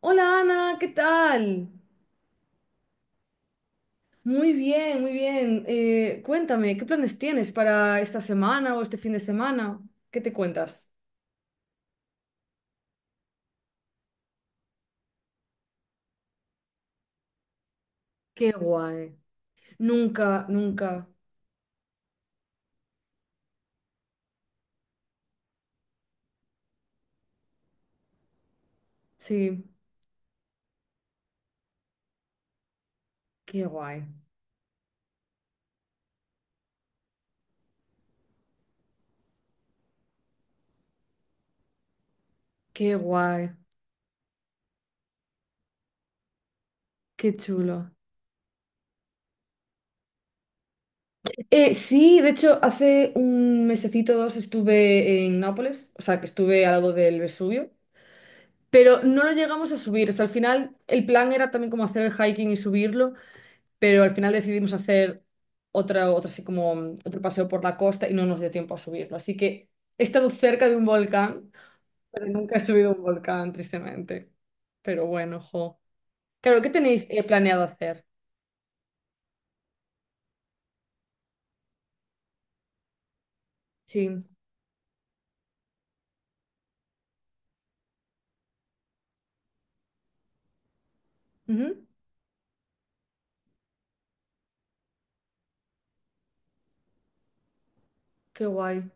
Hola Ana, ¿qué tal? Muy bien, muy bien. Cuéntame, ¿qué planes tienes para esta semana o este fin de semana? ¿Qué te cuentas? Qué guay. Nunca, nunca. Sí, qué guay. Qué guay. Qué chulo. Sí, de hecho, hace un mesecito o dos estuve en Nápoles, o sea, que estuve al lado del Vesubio, pero no lo llegamos a subir. O sea, al final el plan era también como hacer el hiking y subirlo. Pero al final decidimos hacer otra así como otro paseo por la costa y no nos dio tiempo a subirlo. Así que he estado cerca de un volcán, pero nunca he subido a un volcán, tristemente. Pero bueno, jo. Claro, ¿qué tenéis planeado hacer? Sí. Ujú. Qué guay.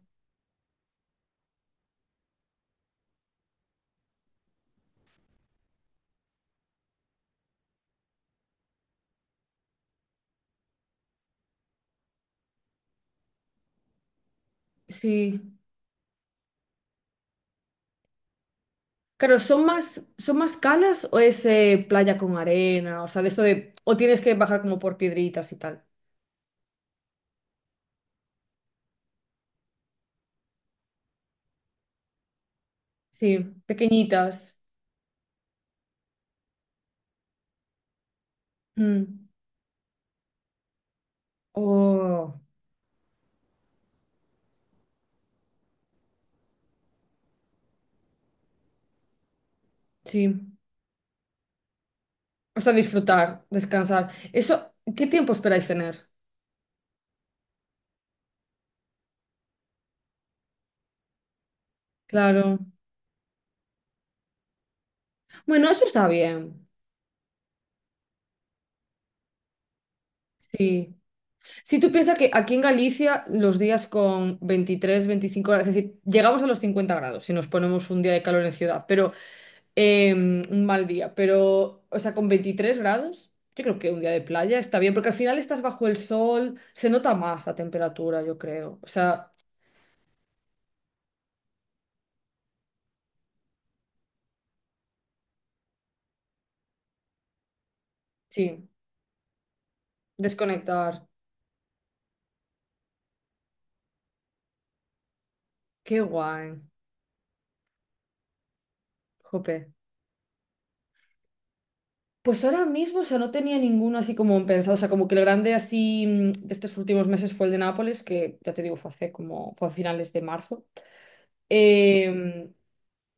Sí. Claro, ¿son más calas o es playa con arena? O sea, de esto de, o tienes que bajar como por piedritas y tal. Sí, pequeñitas. Mm. Oh, sí. O sea, disfrutar, descansar. Eso, ¿qué tiempo esperáis tener? Claro. Bueno, eso está bien. Sí. Si tú piensas que aquí en Galicia los días con 23-25 grados, es decir, llegamos a los 50 grados si nos ponemos un día de calor en ciudad, pero un mal día, pero, o sea, con 23 grados, yo creo que un día de playa está bien, porque al final estás bajo el sol, se nota más la temperatura, yo creo. O sea, sí, desconectar. Qué guay. Jope. Pues ahora mismo, o sea, no tenía ninguno así como pensado, o sea, como que el grande así de estos últimos meses fue el de Nápoles, que ya te digo, fue hace como, fue a finales de marzo. Eh,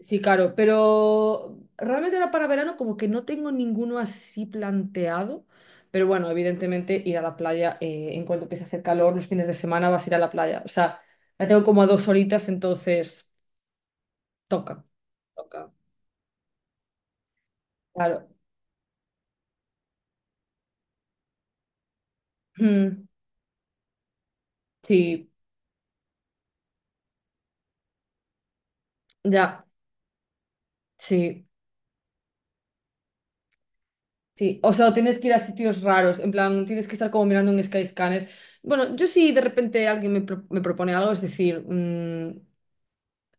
sí, claro, pero realmente ahora para verano como que no tengo ninguno así planteado, pero bueno, evidentemente ir a la playa, en cuanto empiece a hacer calor, los fines de semana vas a ir a la playa, o sea, la tengo como a dos horitas, entonces toca, toca, claro. Mm, sí, ya, sí. Sí, o sea, o tienes que ir a sitios raros, en plan, tienes que estar como mirando un Skyscanner. Bueno, yo si de repente alguien me propone algo, es decir,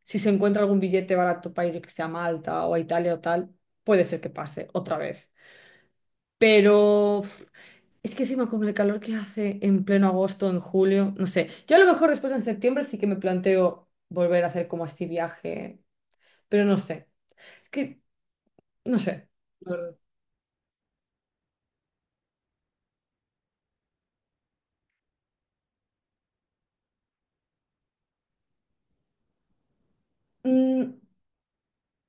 si se encuentra algún billete barato para ir, que sea a Malta o a Italia o tal, puede ser que pase otra vez. Pero uf, es que encima con el calor que hace en pleno agosto, en julio, no sé. Yo a lo mejor después en septiembre sí que me planteo volver a hacer como así viaje, pero no sé. Es que, no sé, la verdad.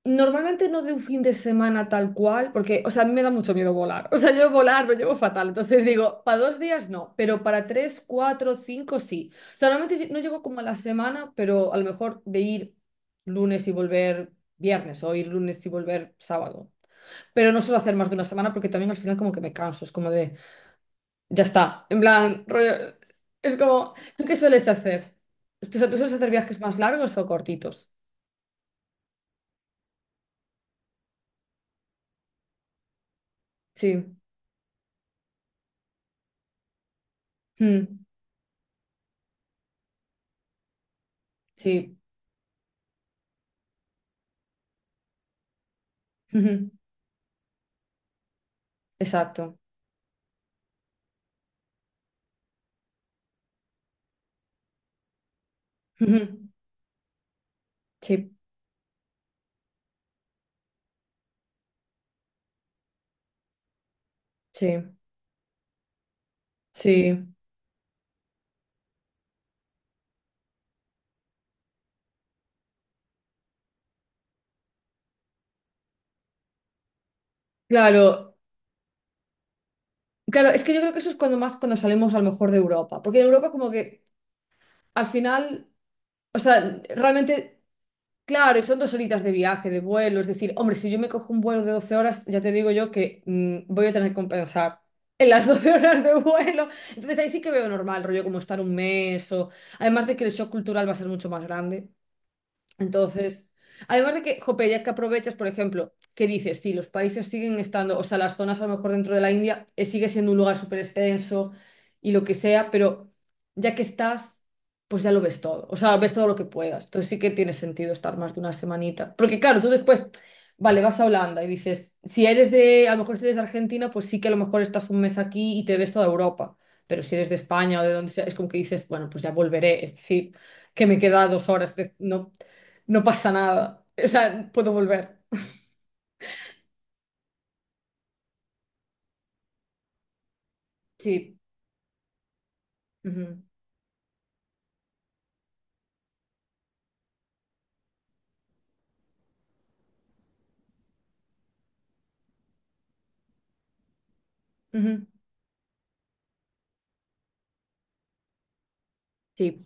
Normalmente no de un fin de semana tal cual, porque, o sea, a mí me da mucho miedo volar. O sea, yo volar lo llevo fatal. Entonces digo, para dos días no, pero para tres, cuatro, cinco sí. O sea, normalmente no llego como a la semana, pero a lo mejor de ir lunes y volver viernes o ir lunes y volver sábado. Pero no suelo hacer más de una semana porque también al final como que me canso. Es como de, ya está. En plan, rollo, es como, ¿tú qué sueles hacer? ¿Tú sueles hacer viajes más largos o cortitos? Sí. Mm, sí. Exacto. Ujú. Sí, sí, sí. Claro, claro, es que yo creo que eso es cuando más cuando salimos a lo mejor de Europa, porque en Europa como que al final, o sea, realmente, claro, son dos horitas de viaje, de vuelo, es decir, hombre, si yo me cojo un vuelo de 12 horas, ya te digo yo que voy a tener que compensar. En las 12 horas de vuelo. Entonces ahí sí que veo normal, rollo como estar un mes o. Además de que el shock cultural va a ser mucho más grande. Entonces, además de que, jope, ya que aprovechas, por ejemplo, que dices, sí, los países siguen estando, o sea, las zonas a lo mejor dentro de la India sigue siendo un lugar súper extenso y lo que sea, pero ya que estás, pues ya lo ves todo, o sea, ves todo lo que puedas. Entonces sí que tiene sentido estar más de una semanita. Porque claro, tú después, vale, vas a Holanda y dices, si eres de, a lo mejor si eres de Argentina, pues sí que a lo mejor estás un mes aquí y te ves toda Europa. Pero si eres de España o de donde sea, es como que dices, bueno, pues ya volveré, es decir que me queda dos horas, no, no pasa nada. O sea, puedo volver. Sí. Ujú, ujú. Sí,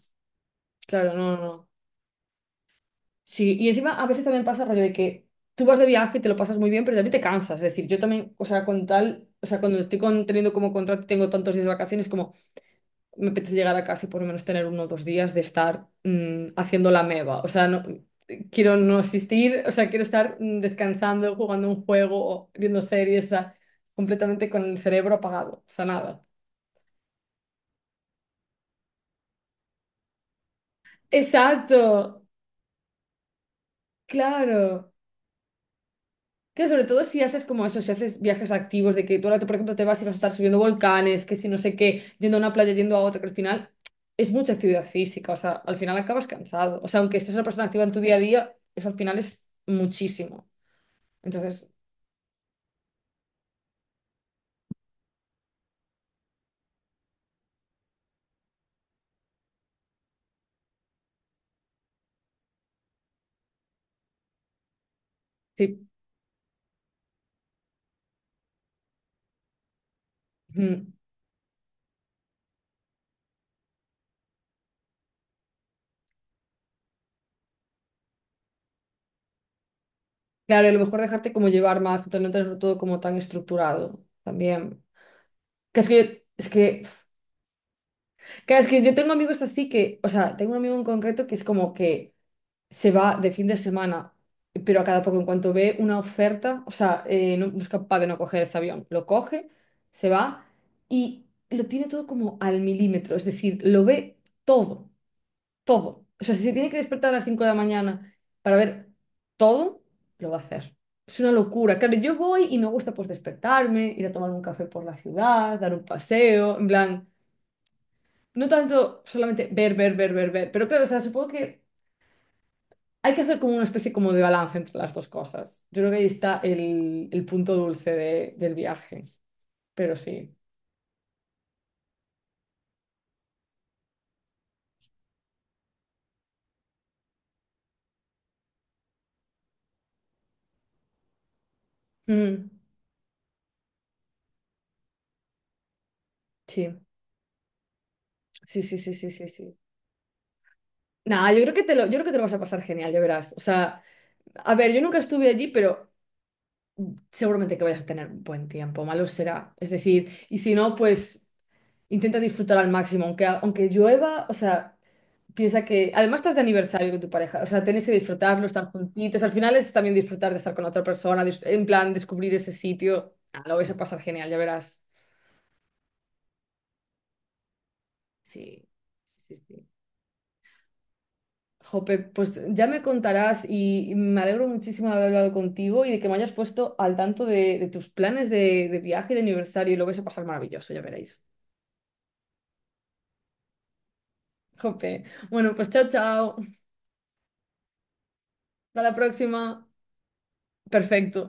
claro, no, no, no. Sí, y encima a veces también pasa rollo de que tú vas de viaje y te lo pasas muy bien, pero también te cansas. Es decir, yo también, o sea, con tal, o sea, cuando estoy teniendo como contrato y tengo tantos días de vacaciones, como me apetece llegar a casa y por lo menos tener uno o dos días de estar haciendo la meba. O sea, no, quiero no asistir, o sea, quiero estar descansando, jugando un juego o viendo series, o sea, completamente con el cerebro apagado. O sea, nada. Exacto. Claro. Que sobre todo si haces como eso, si haces viajes activos, de que tú ahora, por ejemplo, te vas y vas a estar subiendo volcanes, que si no sé qué, yendo a una playa, yendo a otra, que al final es mucha actividad física, o sea, al final acabas cansado. O sea, aunque estés una persona activa en tu día a día, eso al final es muchísimo. Entonces, sí. Mm. Claro, y a lo mejor dejarte como llevar más, en no tenerlo todo como tan estructurado también. Que es que yo, es que, Que es que yo tengo amigos así que, o sea, tengo un amigo en concreto que es como que, se va de fin de semana, pero a cada poco, en cuanto ve una oferta, o sea, no es capaz de no coger ese avión, lo coge, se va y lo tiene todo como al milímetro, es decir, lo ve todo, todo. O sea, si se tiene que despertar a las 5 de la mañana para ver todo, lo va a hacer. Es una locura. Claro, yo voy y me gusta pues despertarme, ir a tomar un café por la ciudad, dar un paseo, en plan, no tanto solamente ver, ver, ver, ver, ver, pero claro, o sea, supongo que hay que hacer como una especie como de balance entre las dos cosas. Yo creo que ahí está el punto dulce del viaje, pero sí. Mm, sí, sí, sí, sí, sí, sí, sí. Nada, yo creo que te lo vas a pasar genial, ya verás. O sea, a ver, yo nunca estuve allí, pero seguramente que vayas a tener un buen tiempo, malo será. Es decir, y si no, pues intenta disfrutar al máximo, aunque llueva, o sea, piensa que además estás de aniversario con tu pareja, o sea, tenéis que disfrutarlo, estar juntitos. Al final es también disfrutar de estar con otra persona, en plan descubrir ese sitio. Ah, lo vais a pasar genial, ya verás. Sí, sí, sí. Jope, pues ya me contarás y me alegro muchísimo de haber hablado contigo y de que me hayas puesto al tanto de tus planes de viaje y de aniversario. Lo vais a pasar maravilloso, ya veréis. Jope. Bueno, pues chao, chao. Hasta la próxima. Perfecto.